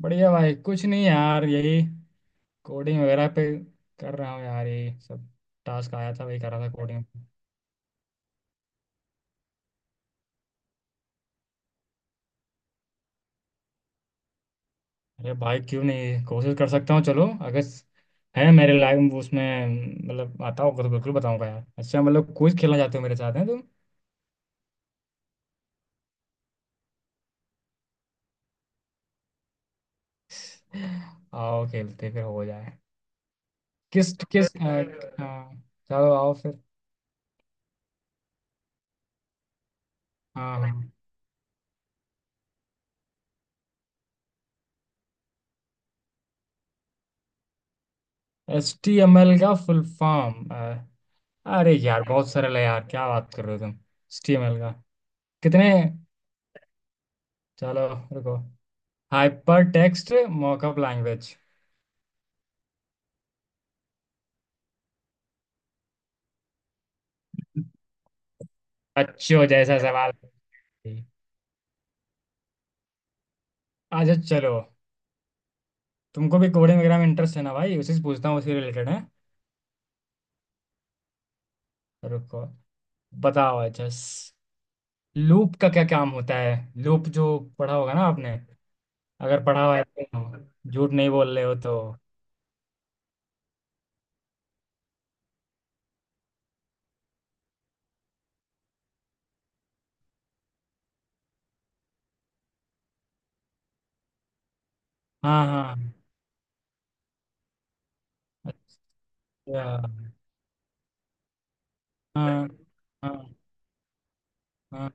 बढ़िया भाई, कुछ नहीं यार, यही कोडिंग वगैरह पे कर रहा हूँ। यार यही सब टास्क आया था, वही कर रहा था, कोडिंग। अरे भाई क्यों नहीं, कोशिश कर सकता हूँ। चलो, अगर है मेरे लाइफ में उसमें, मतलब आता होगा तो बिल्कुल बताऊंगा यार। अच्छा, मतलब क्विज खेलना चाहते हो मेरे साथ, हैं तुम? आओ, खेलते फिर, हो जाए। किस किस हाँ, चलो आओ फिर। हाँ हाँ। एच टी एम एल का फुल फॉर्म? अरे यार बहुत सरल है यार, क्या बात कर रहे हो तुम। एच टी एम एल का कितने, चलो, रुको। Hyper text mockup language. बच्चों जैसा सवाल। अच्छा चलो, तुमको भी कोडिंग वगैरह में इंटरेस्ट है ना भाई, उसी से पूछता हूँ, उसी रिलेटेड है। रुको, बताओ। अच्छा, लूप का क्या काम होता है? लूप जो पढ़ा होगा ना आपने, अगर पढ़ा हुआ है तो, झूठ नहीं बोल रहे हो तो। हाँ हाँ। अच्छा। हाँ हाँ हाँ। हाँ,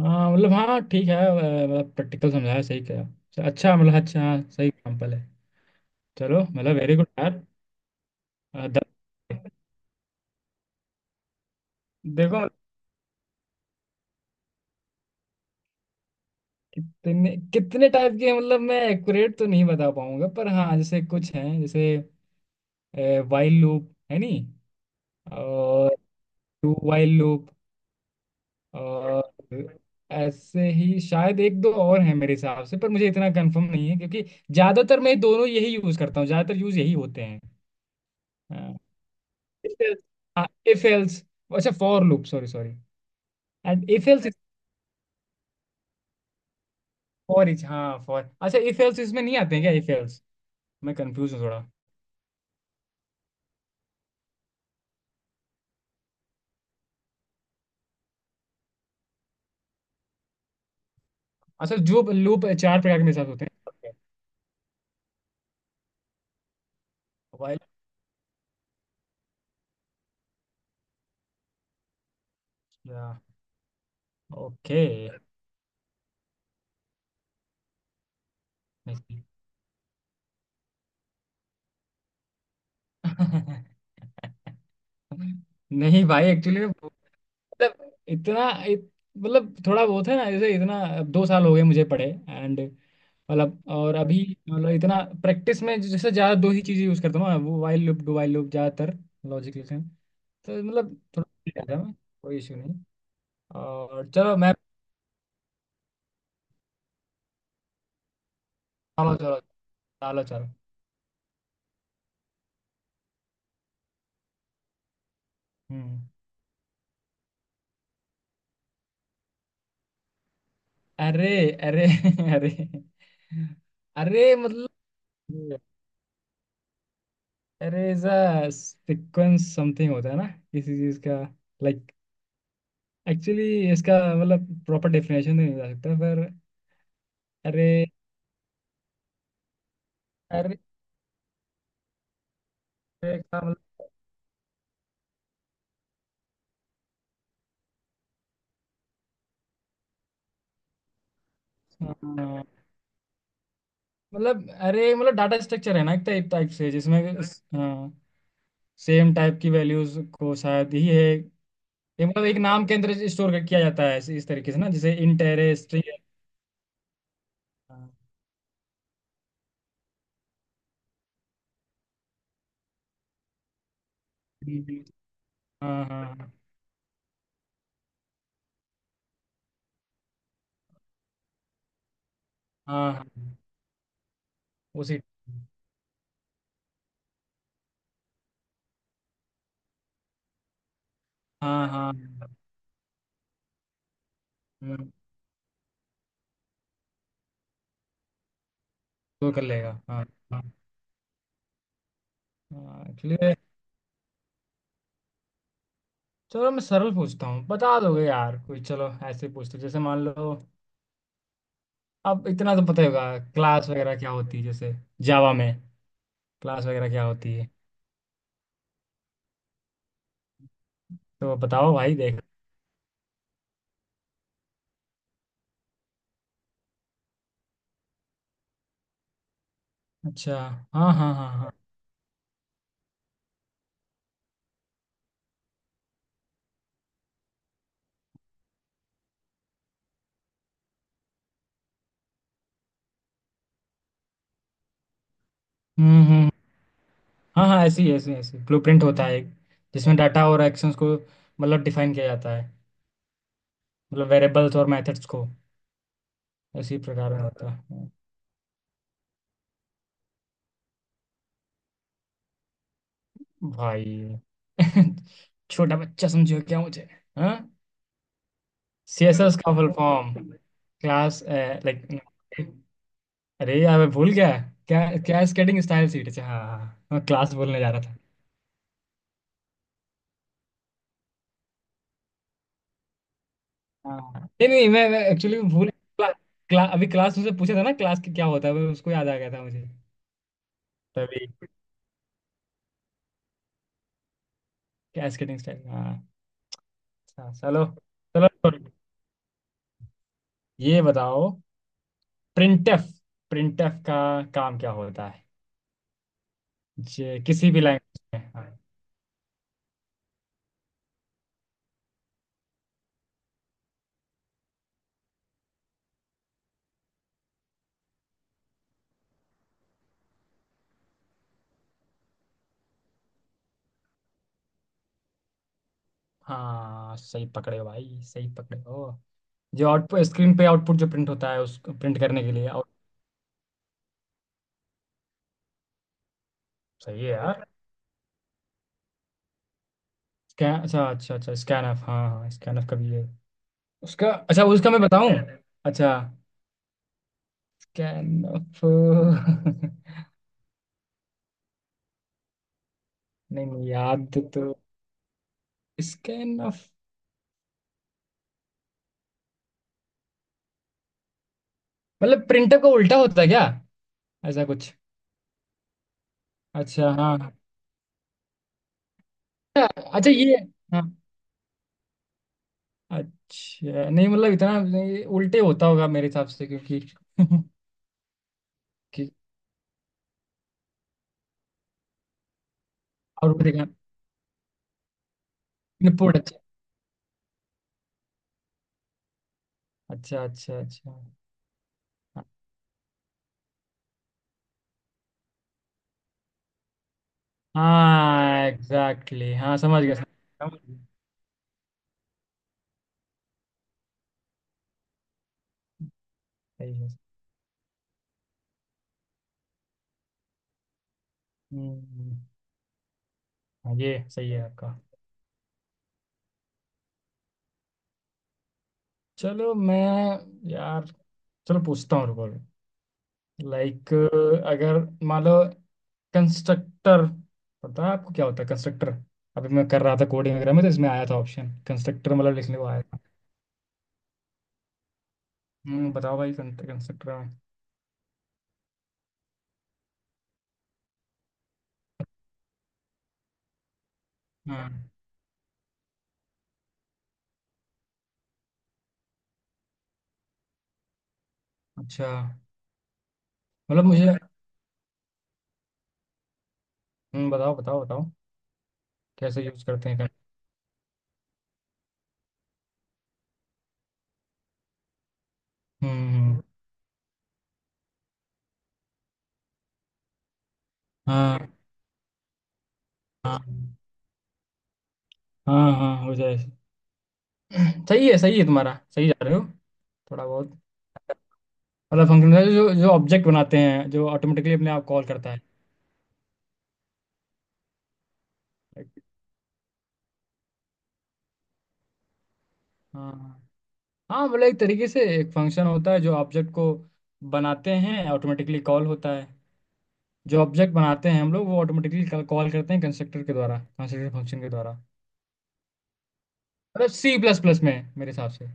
हाँ, ठीक है। मतलब प्रैक्टिकल समझाया, सही कहा। अच्छा, मतलब अच्छा, हाँ सही एग्जाम्पल है। चलो मतलब, वेरी गुड यार। अ, द- देखो, कितने कितने टाइप के हैं, मतलब मैं एक्यूरेट तो नहीं बता पाऊंगा, पर हाँ जैसे कुछ हैं, जैसे वाइल लूप है नहीं और टू वाइल लूप। और ऐसे ही शायद एक दो और हैं मेरे हिसाब से, पर मुझे इतना कंफर्म नहीं है क्योंकि ज्यादातर मैं दोनों यही यूज करता हूँ, ज्यादातर यूज यही होते हैं। हाँ। If else. अच्छा for loop, sorry sorry. And if else. For each, हाँ, फॉर, अच्छा इफ एल्स इसमें नहीं आते हैं क्या, इफ? मैं कंफ्यूज हूँ थोड़ा। अच्छा, जो लूप चार प्रकार के मेरे साथ होते हैं। वाइल, या ओके। नहीं। नहीं भाई, एक्चुअली मतलब मतलब थोड़ा बहुत है ना, जैसे इतना अब दो साल हो गए मुझे पढ़े एंड, मतलब। और अभी मतलब इतना, प्रैक्टिस में जैसे ज़्यादा दो ही चीज़ें यूज़ करता हूँ ना, वो while loop, do while loop ज़्यादातर, लॉजिकल से, तो मतलब थोड़ा ठीक रहता है। मैं, कोई इशू नहीं। और चलो मैं, चलो चलो, चलो चलो। हम्म। अरे। अरे, अरे। अरे मतलब, अरे ऐसा सीक्वेंस समथिंग होता है ना किसी चीज का, लाइक। एक्चुअली इसका मतलब, प्रॉपर डेफिनेशन नहीं बता सकता पर। अरे। अरे। अरे का मतलब, हाँ, मतलब अरे मतलब डाटा स्ट्रक्चर है ना, एक टाइप टाइप से जिसमें। हाँ, सेम टाइप की वैल्यूज को, शायद ही है ये, मतलब एक नाम के अंदर स्टोर किया जाता है इस तरीके से ना, जैसे इंट अरे, स्ट्रिंग। हाँ हाँ हाँ हाँ। हाँ, उसी। हाँ हाँ। हम्म, वो कर लेगा, हाँ। हाँ। हाँ, इसलिए चलो मैं सरल पूछता हूँ, बता दोगे यार कोई। चलो ऐसे पूछते, जैसे मान लो, अब इतना तो पता ही होगा, क्लास वगैरह क्या होती है, जैसे जावा में। क्लास वगैरह क्या होती है, तो बताओ भाई, देख। अच्छा, हाँ हाँ हाँ हाँ। हम्म। हाँ हाँ, ऐसी ऐसी ऐसी, ब्लूप्रिंट होता है एक, जिसमें डाटा और एक्शंस को मतलब डिफाइन किया जाता है, मतलब वेरिएबल्स और मेथड्स को, इसी प्रकार में होता है। भाई, छोटा बच्चा समझो क्या मुझे। हाँ, सीएसएस का फुल फॉर्म, क्लास, लाइक, अरे यार मैं भूल गया, क्या क्या? स्केटिंग स्टाइल सीट, अच्छा हाँ हाँ हाँ, मैं क्लास बोलने जा रहा था। हाँ नहीं नहीं, मैं एक्चुअली अभी क्लास मुझसे पूछा था ना, क्लास की क्या होता है, मैं उसको, याद आ गया था मुझे, तभी। क्या स्केटिंग स्टाइल, हाँ। अच्छा चलो, चलो छोड़ो। ये बताओ, प्रिंटफ प्रिंटफ का काम क्या होता है, जे किसी भी लैंग्वेज में, हाँ। हाँ सही पकड़े हो भाई, सही पकड़े हो। जो आउटपुट स्क्रीन पे, आउटपुट जो प्रिंट होता है, उस प्रिंट करने के लिए, आउट। सही है यार। स्कैन, अच्छा अच्छा अच्छा, स्कैन ऑफ, हाँ हाँ, स्कैन ऑफ का भी है। उसका, अच्छा उसका मैं बताऊं। अच्छा, स्कैन ऑफ नहीं, नहीं, याद, तो स्कैन ऑफ मतलब प्रिंटर का उल्टा होता है क्या, ऐसा कुछ। अच्छा हाँ। अच्छा अच्छा, ये, हाँ, अच्छा नहीं मतलब इतना नहीं, उल्टे होता होगा मेरे हिसाब से क्योंकि कि और भी देखा, इनपुट। अच्छा अच्छा अच्छा। हाँ एग्जैक्टली, exactly. हाँ समझ गया समझ गया। सही है। हम्म, हाँ, ये सही है आपका। चलो मैं, यार चलो पूछता हूँ, रुको। लाइक, अगर मान लो, कंस्ट्रक्टर, पता है आपको क्या होता है कंस्ट्रक्टर, अभी मैं कर रहा था कोडिंग वगैरह में, तो इसमें आया था ऑप्शन, कंस्ट्रक्टर, मतलब लिखने को आया था। हम्म, बताओ भाई कंस्ट्रक्टर में। हाँ, अच्छा, मतलब मुझे, बताओ बताओ बताओ, कैसे यूज करते हैं हम्म हम्म। हाँ हाँ हाँ, हाँ हो जाए। सही है, सही है, तुम्हारा सही जा रहे हो। थोड़ा बहुत, मतलब फंक्शन जो, ऑब्जेक्ट बनाते हैं, जो ऑटोमेटिकली अपने आप कॉल करता है। Like, हाँ हाँ, मतलब एक तरीके से एक फंक्शन होता है, जो ऑब्जेक्ट को बनाते हैं, ऑटोमेटिकली कॉल होता है, जो ऑब्जेक्ट बनाते हैं हम लोग, वो ऑटोमेटिकली कॉल करते हैं कंस्ट्रक्टर के द्वारा, कंस्ट्रक्टर फंक्शन के द्वारा। मतलब सी प्लस प्लस में, मेरे हिसाब से।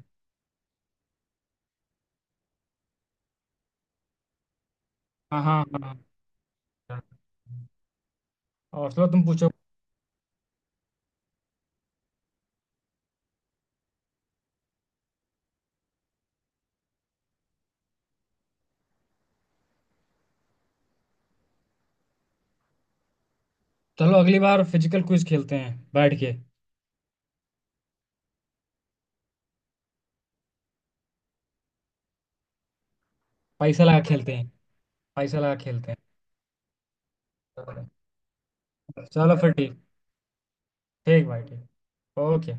हाँ हाँ हाँ। हाँ, हाँ। और चलो तुम पूछो। चलो अगली बार फिजिकल क्विज खेलते हैं बैठ के। पैसा लगा खेलते हैं, पैसा लगा खेलते हैं। चलो फिर ठीक। ठीक भाई ठीक। ओके।